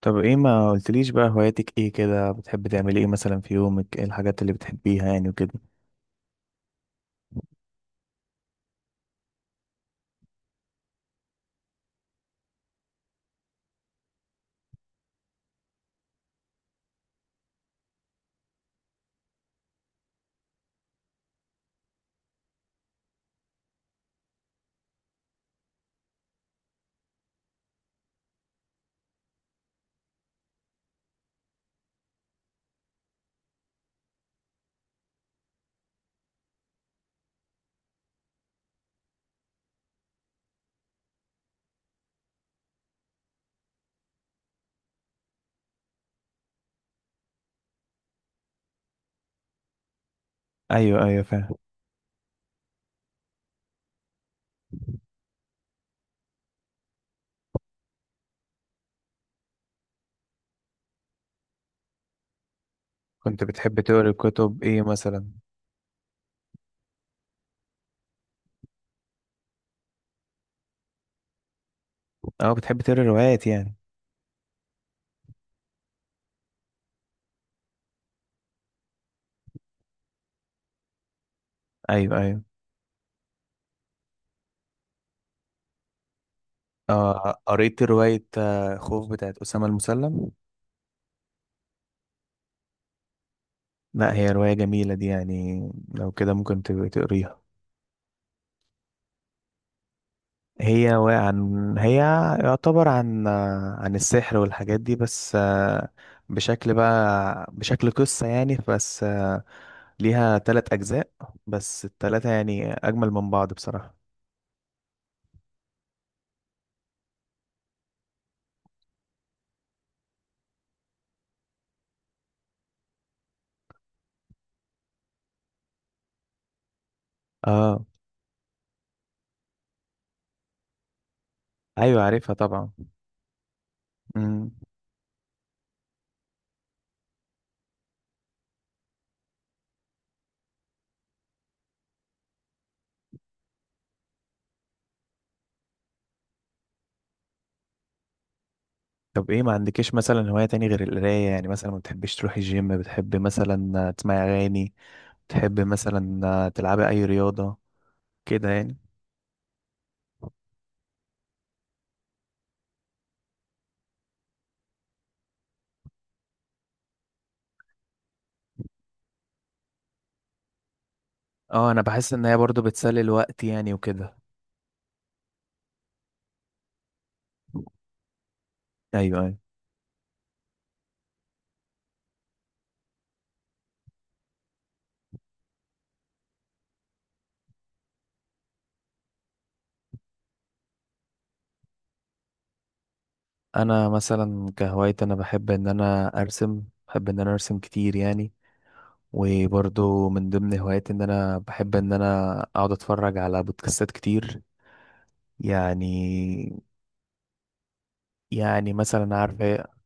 طب ايه ما قلتليش بقى هواياتك ايه؟ كده بتحب تعملي ايه مثلا في يومك؟ ايه الحاجات اللي بتحبيها يعني وكده؟ ايوه، ايوه، فاهم. كنت بتحب تقري كتب ايه مثلا؟ اه، بتحب تقري روايات يعني؟ ايوه، ايوه. قريت رواية خوف بتاعت أسامة المسلم. لا، هي رواية جميلة دي يعني، لو كده ممكن تبقى تقريها. هي و- عن هي يعتبر عن السحر والحاجات دي، بس بشكل بقى بشكل قصة يعني، بس ليها 3 أجزاء، بس التلاتة يعني أجمل من بعض بصراحة. اه. أيوة، عارفها طبعا. مم. طب ايه ما عندكيش مثلا هواية تاني غير القراية يعني؟ مثلا ما بتحبيش تروحي الجيم؟ بتحبي مثلا تسمعي أغاني؟ تحب مثلا تلعبي اي رياضة كده يعني؟ اه، انا بحس ان هي برضو بتسلي الوقت يعني وكده. ايوه، ايوه. انا مثلا كهوايتي انا بحب ان انا ارسم، بحب ان انا ارسم كتير يعني. وبرضو من ضمن هواياتي ان انا بحب ان انا اقعد اتفرج على بودكاستات كتير يعني. يعني مثلا عارف ايه.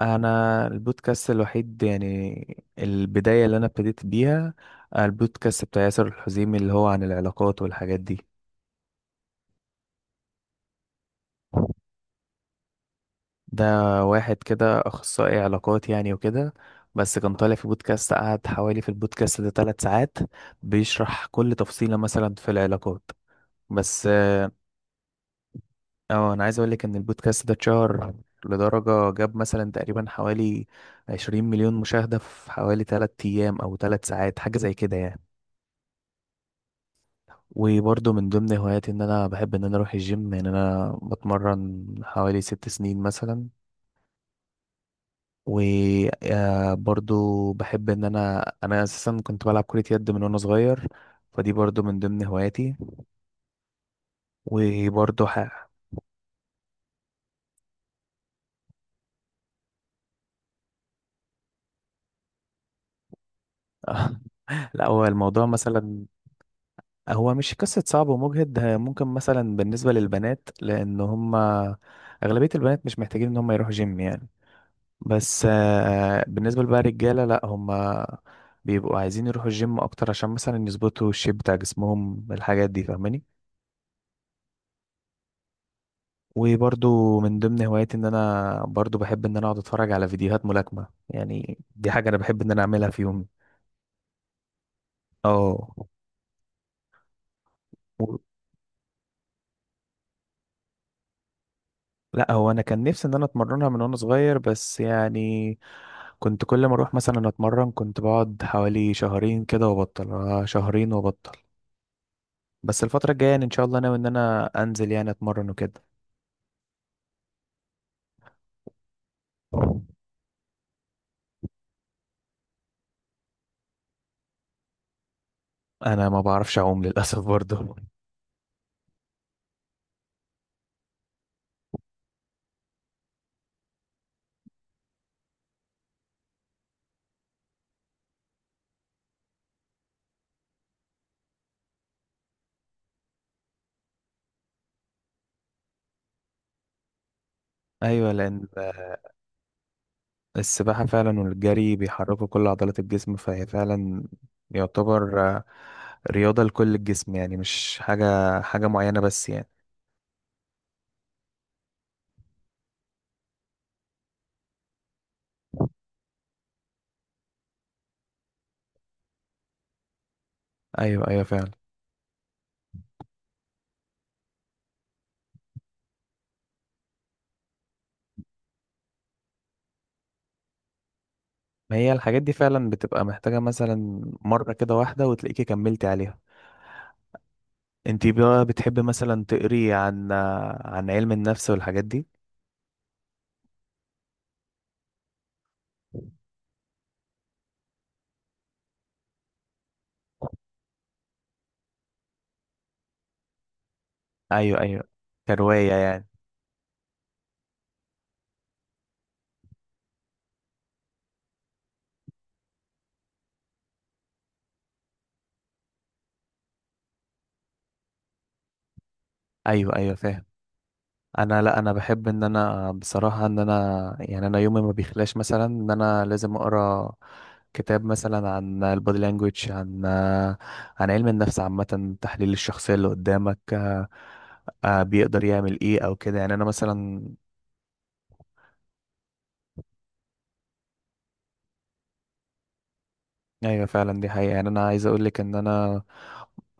انا البودكاست الوحيد يعني البداية اللي انا ابتديت بيها، البودكاست بتاع ياسر الحزيمي اللي هو عن العلاقات والحاجات دي. ده واحد كده اخصائي علاقات يعني وكده، بس كان طالع في بودكاست، قعد في البودكاست ده 3 ساعات بيشرح كل تفصيلة مثلا في العلاقات. بس انا عايز اقول لك ان البودكاست ده اتشهر لدرجة جاب مثلا تقريبا حوالي 20 مليون مشاهدة في حوالي 3 ايام او 3 ساعات، حاجة زي كده يعني. وبرضه من ضمن هواياتي ان انا بحب ان انا اروح الجيم يعني، انا بتمرن حوالي 6 سنين مثلا. وبرضو بحب ان انا اساسا كنت بلعب كرة يد من وانا صغير، فدي برضو من ضمن هواياتي. وبرضو لا هو الموضوع مثلا، هو مش قصة صعب ومجهد، ده ممكن مثلا بالنسبة للبنات لان هم اغلبية البنات مش محتاجين ان هم يروحوا جيم يعني. بس بالنسبة بقى للرجالة لا، هم بيبقوا عايزين يروحوا الجيم اكتر عشان مثلا يظبطوا الشيب بتاع جسمهم، الحاجات دي فاهماني. وبرضو من ضمن هواياتي ان انا برضو بحب ان انا اقعد اتفرج على فيديوهات ملاكمة يعني، دي حاجة انا بحب ان انا اعملها في يومي. اه. و- لا هو انا كان نفسي ان انا اتمرنها من وانا صغير، بس يعني كنت كل ما اروح مثلا اتمرن كنت بقعد حوالي شهرين كده وابطل، شهرين وابطل. بس الفترة الجاية يعني ان شاء الله ناوي ان انا انزل يعني اتمرن وكده. انا ما بعرفش اعوم للاسف برضو. ايوه، لان السباحة فعلا والجري بيحركوا كل عضلات الجسم، فهي فعلا يعتبر رياضة لكل الجسم يعني، مش حاجة معينة بس يعني. أيوة، أيوة، فعلا. ما هي الحاجات دي فعلا بتبقى محتاجة مثلا مرة كده واحدة وتلاقيكي كملتي عليها. انتي بقى بتحبي مثلا تقري عن عن علم النفس والحاجات دي؟ أيوة، أيوة. كرواية يعني؟ أيوة، أيوة، فاهم. انا لا، انا بحب ان انا بصراحه ان انا يعني انا يومي ما بيخلاش مثلا ان انا لازم اقرا كتاب مثلا عن البودي لانجويج، عن علم النفس عامه، تحليل الشخصيه اللي قدامك بيقدر يعمل ايه او كده يعني انا مثلا. ايوه فعلا، دي حقيقه يعني. انا عايز اقول لك ان انا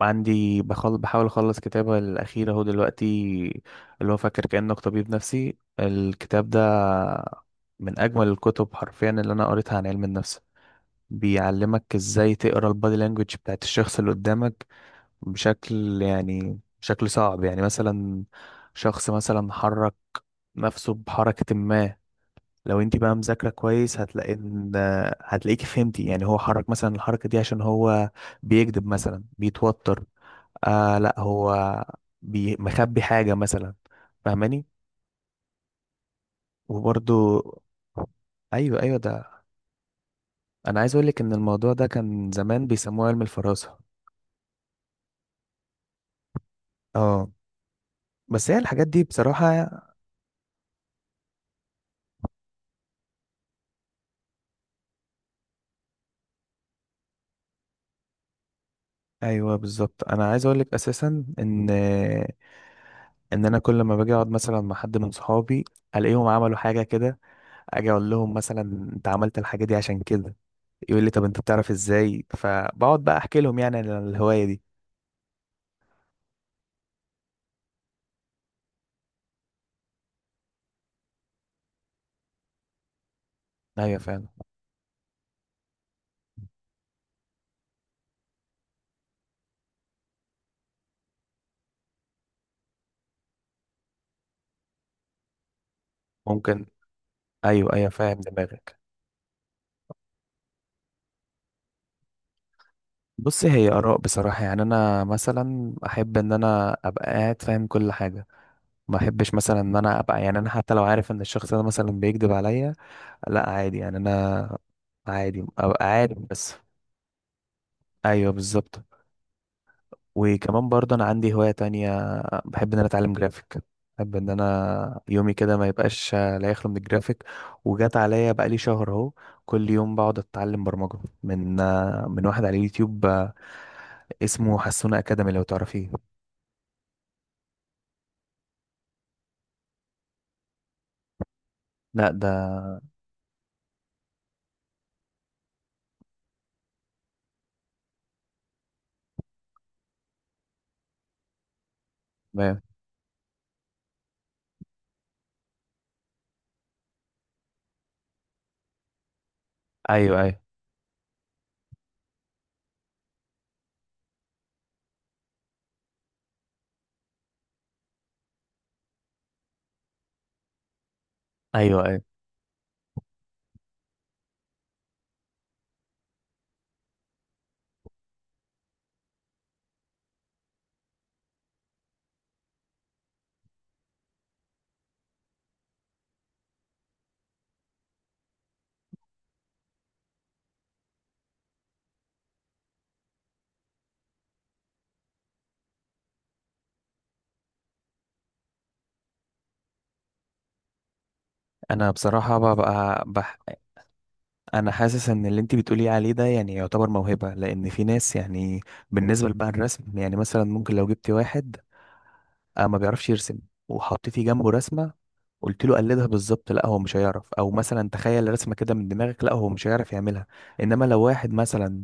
عندي بحاول اخلص كتابه الاخير اهو دلوقتي، اللي هو فاكر كانك طبيب نفسي، الكتاب ده من اجمل الكتب حرفيا اللي انا قريتها عن علم النفس. بيعلمك ازاي تقرا البادي لانجوج بتاعت الشخص اللي قدامك بشكل يعني بشكل صعب يعني. مثلا شخص مثلا حرك نفسه بحركة ما، لو انت بقى مذاكرة كويس هتلاقي ان هتلاقيكي فهمتي يعني هو حرك مثلا الحركة دي عشان هو بيكذب مثلا، بيتوتر. لا، هو مخبي حاجة مثلا، فاهماني. وبرضو. ايوه، ايوه، ده. انا عايز اقولك ان الموضوع ده كان زمان بيسموه علم الفراسة. اه، بس هي الحاجات دي بصراحة. أيوة بالظبط، أنا عايز أقولك أساسا إن أنا كل ما باجي أقعد مثلا مع حد من صحابي ألاقيهم عملوا حاجة كده، أجي أقول لهم مثلا أنت عملت الحاجة دي عشان كده، يقول لي طب أنت بتعرف إزاي، فبقعد بقى أحكي لهم يعني عن الهواية دي. أيوة فعلا. ممكن. أيوة، أيوة، فاهم دماغك. بص، هي آراء بصراحة يعني. أنا مثلا أحب إن أنا أبقى قاعد فاهم كل حاجة، ما أحبش مثلا إن أنا أبقى يعني، أنا حتى لو عارف إن الشخص ده مثلا بيكذب عليا، لا عادي يعني انا، عادي ابقى عارف بس. ايوه بالظبط. وكمان برضه انا عندي هواية تانية، بحب ان انا اتعلم جرافيك، بحب ان انا يومي كده ما يبقاش لا يخلو من الجرافيك. وجات عليا بقالي شهر اهو كل يوم بقعد اتعلم برمجة من واحد على اليوتيوب اسمه حسونة اكاديمي، لو تعرفيه. لا ده. ايوه، ايوه. ايوه، ايوه. انا بصراحة ببقى انا حاسس ان اللي انت بتقولي عليه ده يعني يعتبر موهبة، لان في ناس يعني بالنسبة لبقى الرسم يعني، مثلا ممكن لو جبتي واحد ما بيعرفش يرسم وحطيتي جنبه رسمة قلت له قلدها بالظبط، لا هو مش هيعرف. او مثلا تخيل رسمة كده من دماغك، لا هو مش هيعرف يعملها. انما لو واحد مثلا،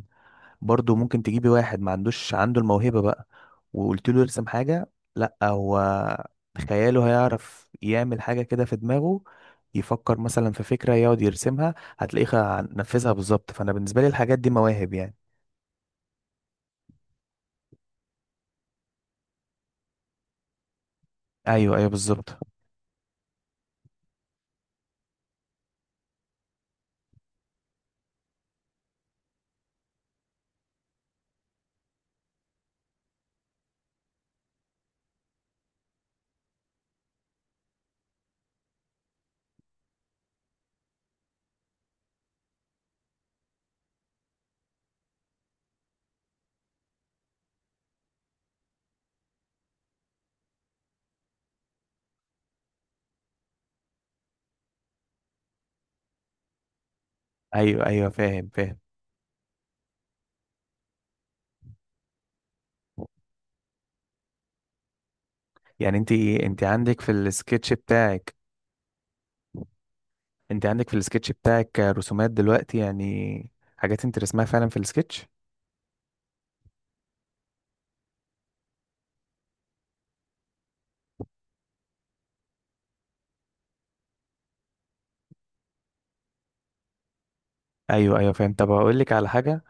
برضه ممكن تجيبي واحد ما عندوش عنده الموهبة بقى وقلت له يرسم حاجة، لا هو خياله هيعرف يعمل حاجة كده في دماغه، يفكر مثلا في فكرة يقعد يرسمها هتلاقيه نفذها بالظبط. فأنا بالنسبة لي الحاجات دي مواهب يعني. أيوه، أيوه، بالظبط. أيوه، أيوه، فاهم، فاهم. يعني أنت عندك في السكتش بتاعك أنت عندك في السكتش بتاعك رسومات دلوقتي يعني، حاجات أنت رسمها فعلا في السكتش. أيوه، أيوه، فاهم. طب هقول لك على حاجة،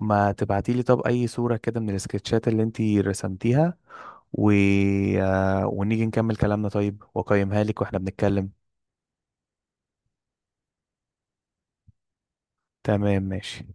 ما تبعتيلي طب أي صورة كده من السكتشات اللي أنت رسمتيها و... ونيجي نكمل كلامنا طيب، وأقيمها لك واحنا بنتكلم. تمام، ماشي.